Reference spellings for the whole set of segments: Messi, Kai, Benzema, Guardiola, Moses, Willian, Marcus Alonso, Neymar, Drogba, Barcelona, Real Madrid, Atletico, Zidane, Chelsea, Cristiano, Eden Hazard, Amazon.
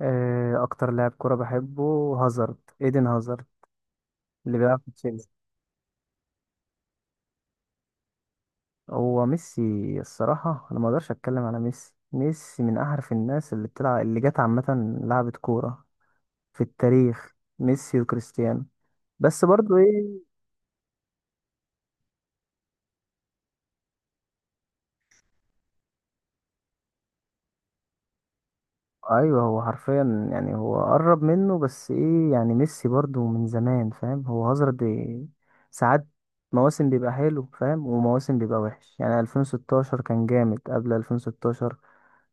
آه، اكتر لاعب كرة بحبه، هازارد، ايدن هازارد، اللي بيلعب في تشيلسي. هو ميسي؟ الصراحة انا ما اقدرش اتكلم على ميسي. ميسي من احرف الناس اللي بتلعب، اللي جت عامة لعبة كورة في التاريخ، ميسي وكريستيانو. بس برضو ايه؟ ايوه، هو حرفيا يعني هو قرب منه، بس ايه يعني ميسي برضو من زمان، فاهم؟ هو هازارد إيه، ساعات مواسم بيبقى حلو فاهم ومواسم بيبقى وحش. يعني 2016 كان جامد، قبل 2016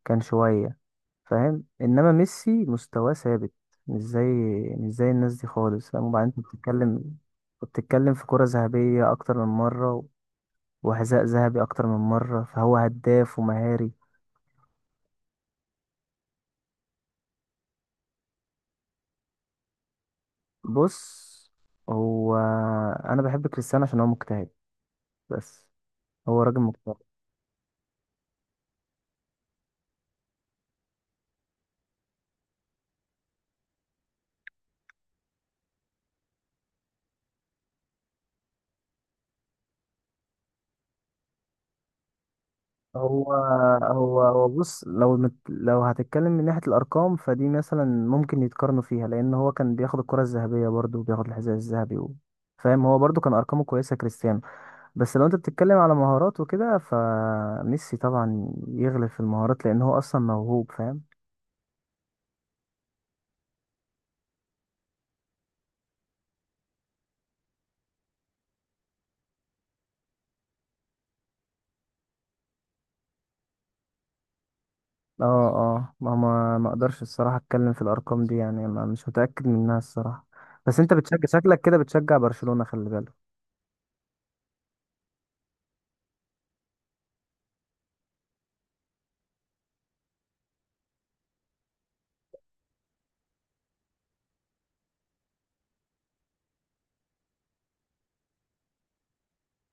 كان شوية فاهم. انما ميسي مستواه ثابت، مش زي مش زي الناس دي خالص فاهم. وبعدين انت بتتكلم، بتتكلم في كرة ذهبية اكتر من مرة وحذاء ذهبي اكتر من مرة، فهو هداف ومهاري. بص، هو انا بحب كريستيانو عشان هو مجتهد بس. هو راجل مجتهد. هو هو بص، لو هتتكلم من ناحية الأرقام فدي مثلا ممكن يتقارنوا فيها، لأن هو كان بياخد الكرة الذهبية برضه وبياخد الحذاء الذهبي و-، فاهم، هو برضه كان أرقامه كويسة كريستيانو. بس لو انت بتتكلم على مهارات وكده، فميسي طبعا يغلب في المهارات لان هو اصلا موهوب فاهم. اه اه، ما اقدرش الصراحه اتكلم في الارقام دي، يعني ما مش متاكد منها الصراحه. بس انت بتشجع، شكلك كده بتشجع برشلونه، خلي بالك.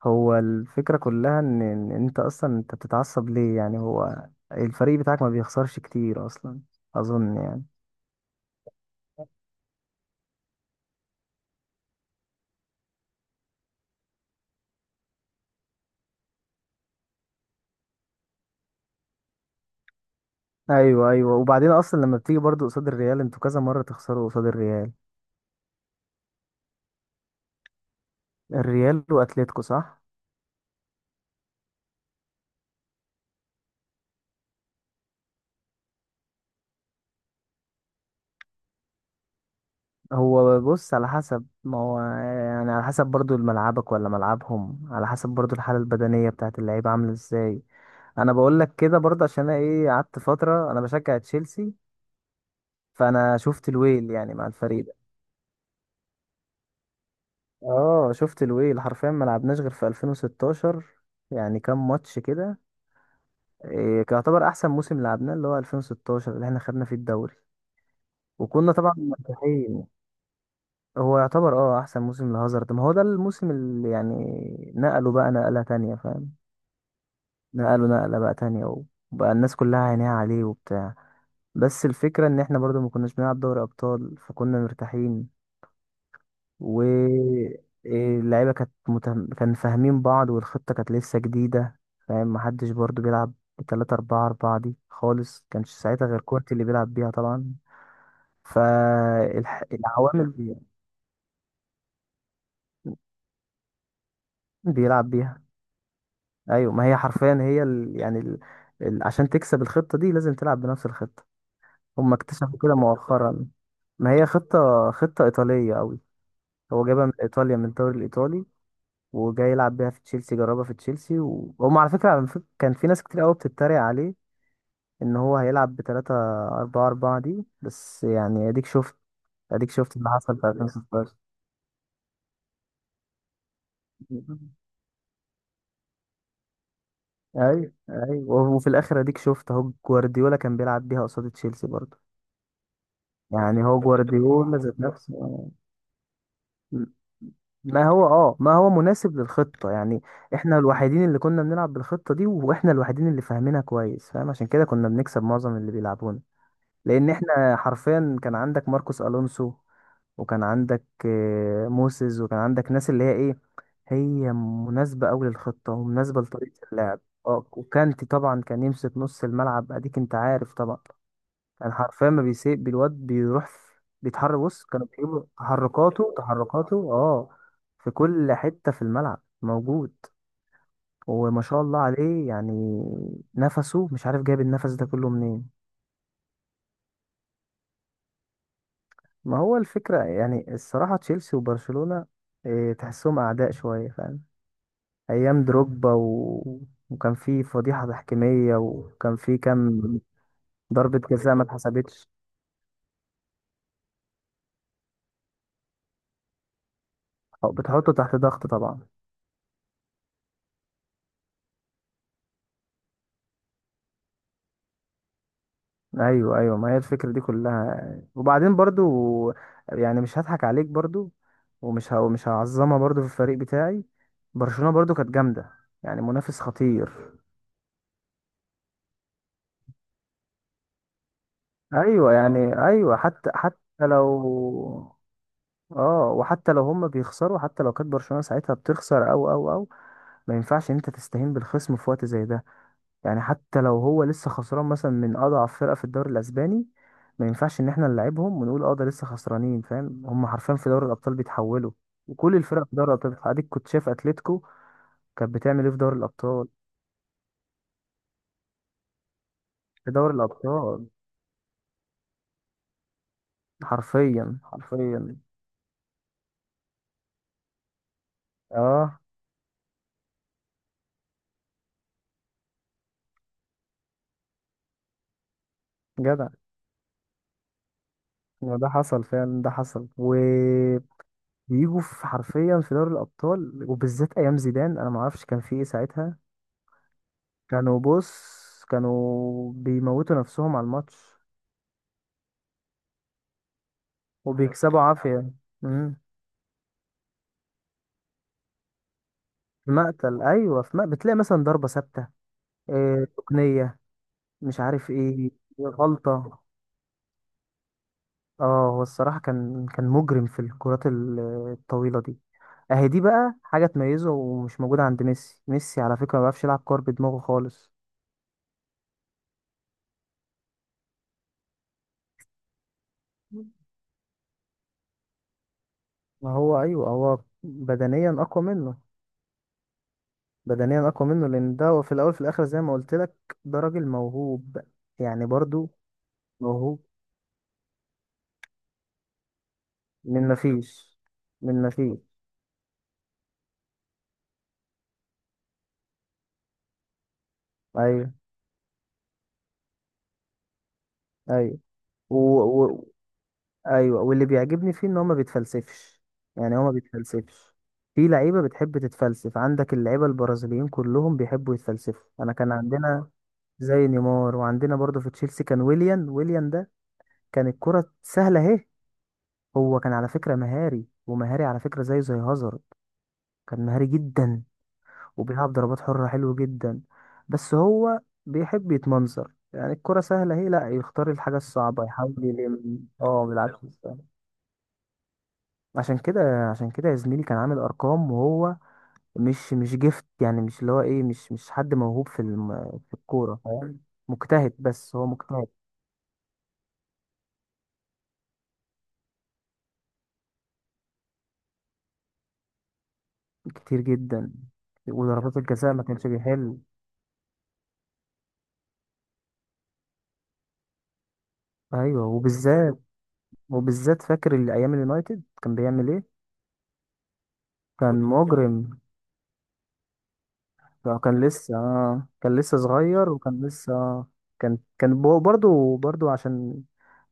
هو الفكره كلها ان ان انت اصلا، انت بتتعصب ليه؟ يعني هو الفريق بتاعك ما بيخسرش كتير اصلا، اظن يعني. ايوه ايوه، وبعدين اصلا لما بتيجي برضو قصاد الريال انتوا كذا مره تخسروا قصاد الريال. الريال واتليتيكو، صح؟ هو بص، على حسب ما هو، يعني على حسب برضو ملعبك ولا ملعبهم، على حسب برضو الحالة البدنية بتاعت اللعيبة عاملة ازاي. انا بقول لك كده برضه عشان انا ايه، قعدت فترة انا بشجع تشيلسي فانا شفت الويل يعني مع الفريق ده. اه شفت الويل حرفيا، ما لعبناش غير في 2016 يعني كام ماتش كده. إيه، كان يعتبر احسن موسم لعبناه اللي هو 2016 اللي احنا خدنا فيه الدوري وكنا طبعا مرتاحين. هو يعتبر اه احسن موسم لهازارد، ما هو ده الموسم اللي يعني نقله بقى نقلة تانية فاهم. نقله نقلة بقى تانية، وبقى الناس كلها عينيها عليه وبتاع. بس الفكرة ان احنا برضو ما كناش بنلعب دوري ابطال فكنا مرتاحين. و إيه، كان فاهمين بعض والخطة كانت لسه جديدة فاهم، محدش برضو بيلعب بتلاتة أربعة أربعة دي خالص، كانش ساعتها غير كورتي اللي بيلعب بيها طبعا. فالعوامل بيلعب بيها. ايوه، ما هي حرفيا هي ال... يعني ال... ال... عشان تكسب الخطه دي لازم تلعب بنفس الخطه. هم اكتشفوا كده مؤخرا. ما هي خطه، خطه ايطاليه قوي، هو جايبها من ايطاليا من الدوري الايطالي وجاي يلعب بيها في تشيلسي، جربها في تشيلسي، وهم على فكره على فكرة كان في ناس كتير قوي بتتريق عليه ان هو هيلعب ب 3 4 4 دي، بس يعني اديك شفت اللي حصل في 2016. ايوه ايوه، وفي الاخر اديك شفت اهو جوارديولا كان بيلعب بيها قصاد تشيلسي برضه، يعني هو جوارديولا ذات نفسه. ما هو اه، ما هو مناسب للخطة يعني. احنا الوحيدين اللي كنا بنلعب بالخطة دي واحنا الوحيدين اللي فاهمينها كويس فاهم، عشان كده كنا بنكسب معظم اللي بيلعبونا. لان احنا حرفيا كان عندك ماركوس الونسو، وكان عندك موسيز، وكان عندك ناس اللي هي ايه، هي مناسبة أوي للخطة ومناسبة لطريقة اللعب. اه، وكانتي طبعا كان يمسك نص الملعب، اديك انت عارف طبعا. كان حرفيا ما بيسيب الواد، بيروح في-، بيتحرك، بص كانوا بيجيبوا تحركاته تحركاته، اه، في كل حتة في الملعب موجود، وما شاء الله عليه يعني، نفسه، مش عارف جايب النفس ده كله منين. ما هو الفكرة يعني، الصراحة تشيلسي وبرشلونة إيه، تحسهم أعداء شوية فاهم. أيام دروجبا وكان في فضيحة تحكيمية، وكان في كام ضربة جزاء ما اتحسبتش، أو بتحطه تحت ضغط طبعا. ايوه ايوه، ما هي الفكره دي كلها، وبعدين برضو يعني مش هضحك عليك برضو، ومش مش هعظمها برضو في الفريق بتاعي. برشلونه برضو كانت جامده، يعني منافس خطير. ايوه، يعني اه ايوه حتى حتى لو، اه، وحتى لو هم بيخسروا، حتى لو كانت برشلونه ساعتها بتخسر، او، ما ينفعش ان انت تستهين بالخصم في وقت زي ده، يعني حتى لو هو لسه خسران مثلا من اضعف فرقه في الدوري الاسباني، ما ينفعش ان احنا نلعبهم ونقول اه ده لسه خسرانين فاهم، هم حرفيا في دوري الابطال بيتحولوا، وكل الفرق في دوري الابطال بتتحول. اديك كنت شايف اتلتيكو كانت بتعمل ايه في دوري الابطال. في دوري الابطال حرفيا حرفيا. اه، جدع. ما ده حصل فعلا، ده حصل وبيجوا في، حرفيا في دوري الابطال، وبالذات ايام زيدان انا ما اعرفش كان في ايه ساعتها. كانوا بص كانوا بيموتوا نفسهم على الماتش وبيكسبوا عافية. امم، في مقتل، ايوه، في مقتل. بتلاقي مثلا ضربة ثابتة إيه تقنية، مش عارف ايه، غلطة. اه، هو الصراحة كان كان مجرم في الكرات الطويلة دي. اهي دي بقى حاجة تميزه ومش موجودة عند ميسي، ميسي على فكرة ما بيعرفش يلعب كور بدماغه خالص. ما هو ايوه، هو بدنيا اقوى منه، بدنيا اقوى منه، لان ده هو في الاول في الاخر زي ما قلت لك، ده راجل موهوب، يعني برضو موهوب. من ما فيش من ما فيش. ايوه، و... و... ايوه واللي بيعجبني فيه ان هو ما بيتفلسفش، يعني هو ما بيتفلسفش. في لعيبه بتحب تتفلسف، عندك اللعيبه البرازيليين كلهم بيحبوا يتفلسفوا، انا كان عندنا زي نيمار، وعندنا برضه في تشيلسي كان ويليان. ويليان ده كان الكره سهله اهي، هو كان على فكره مهاري، ومهاري على فكره زيه زي هازارد، كان مهاري جدا وبيلعب ضربات حره حلو جدا. بس هو بيحب يتمنظر، يعني الكرة سهلة اهي، لا يختار الحاجة الصعبة، يحاول يلم، اه ما بيلعبش. عشان كده عشان كده يا زميلي كان عامل ارقام، وهو مش مش جيفت يعني، مش اللي هو ايه، مش حد موهوب في في الكوره فاهم، مجتهد، بس هو مجتهد. كتير جدا، وضربات الجزاء ما كانش بيحل. ايوه، وبالذات فاكر اللي ايام اليونايتد كان بيعمل ايه. كان مجرم. كان لسه كان لسه صغير، وكان لسه آه كان كان بو- برضه برضه عشان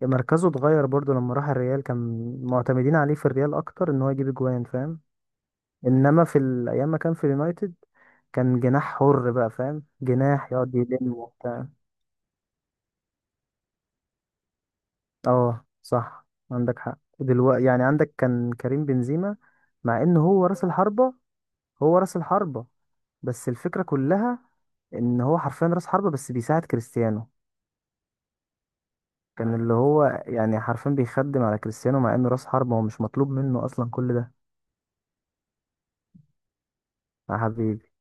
مركزه اتغير برضه لما راح الريال، كان معتمدين عليه في الريال اكتر ان هو يجيب اجوان فاهم. انما في ايام ما كان في اليونايتد كان جناح حر بقى فاهم، جناح يقعد يلم وبتاع. اه صح، عندك حق دلوقتي، يعني عندك كان كريم بنزيما، مع ان هو راس الحربة، هو راس الحربة، بس الفكرة كلها ان هو حرفيا راس حربة بس بيساعد كريستيانو. كان اللي هو يعني حرفيا بيخدم على كريستيانو مع انه راس حربة، هو مش مطلوب منه اصلا كل ده. يا حبيبي.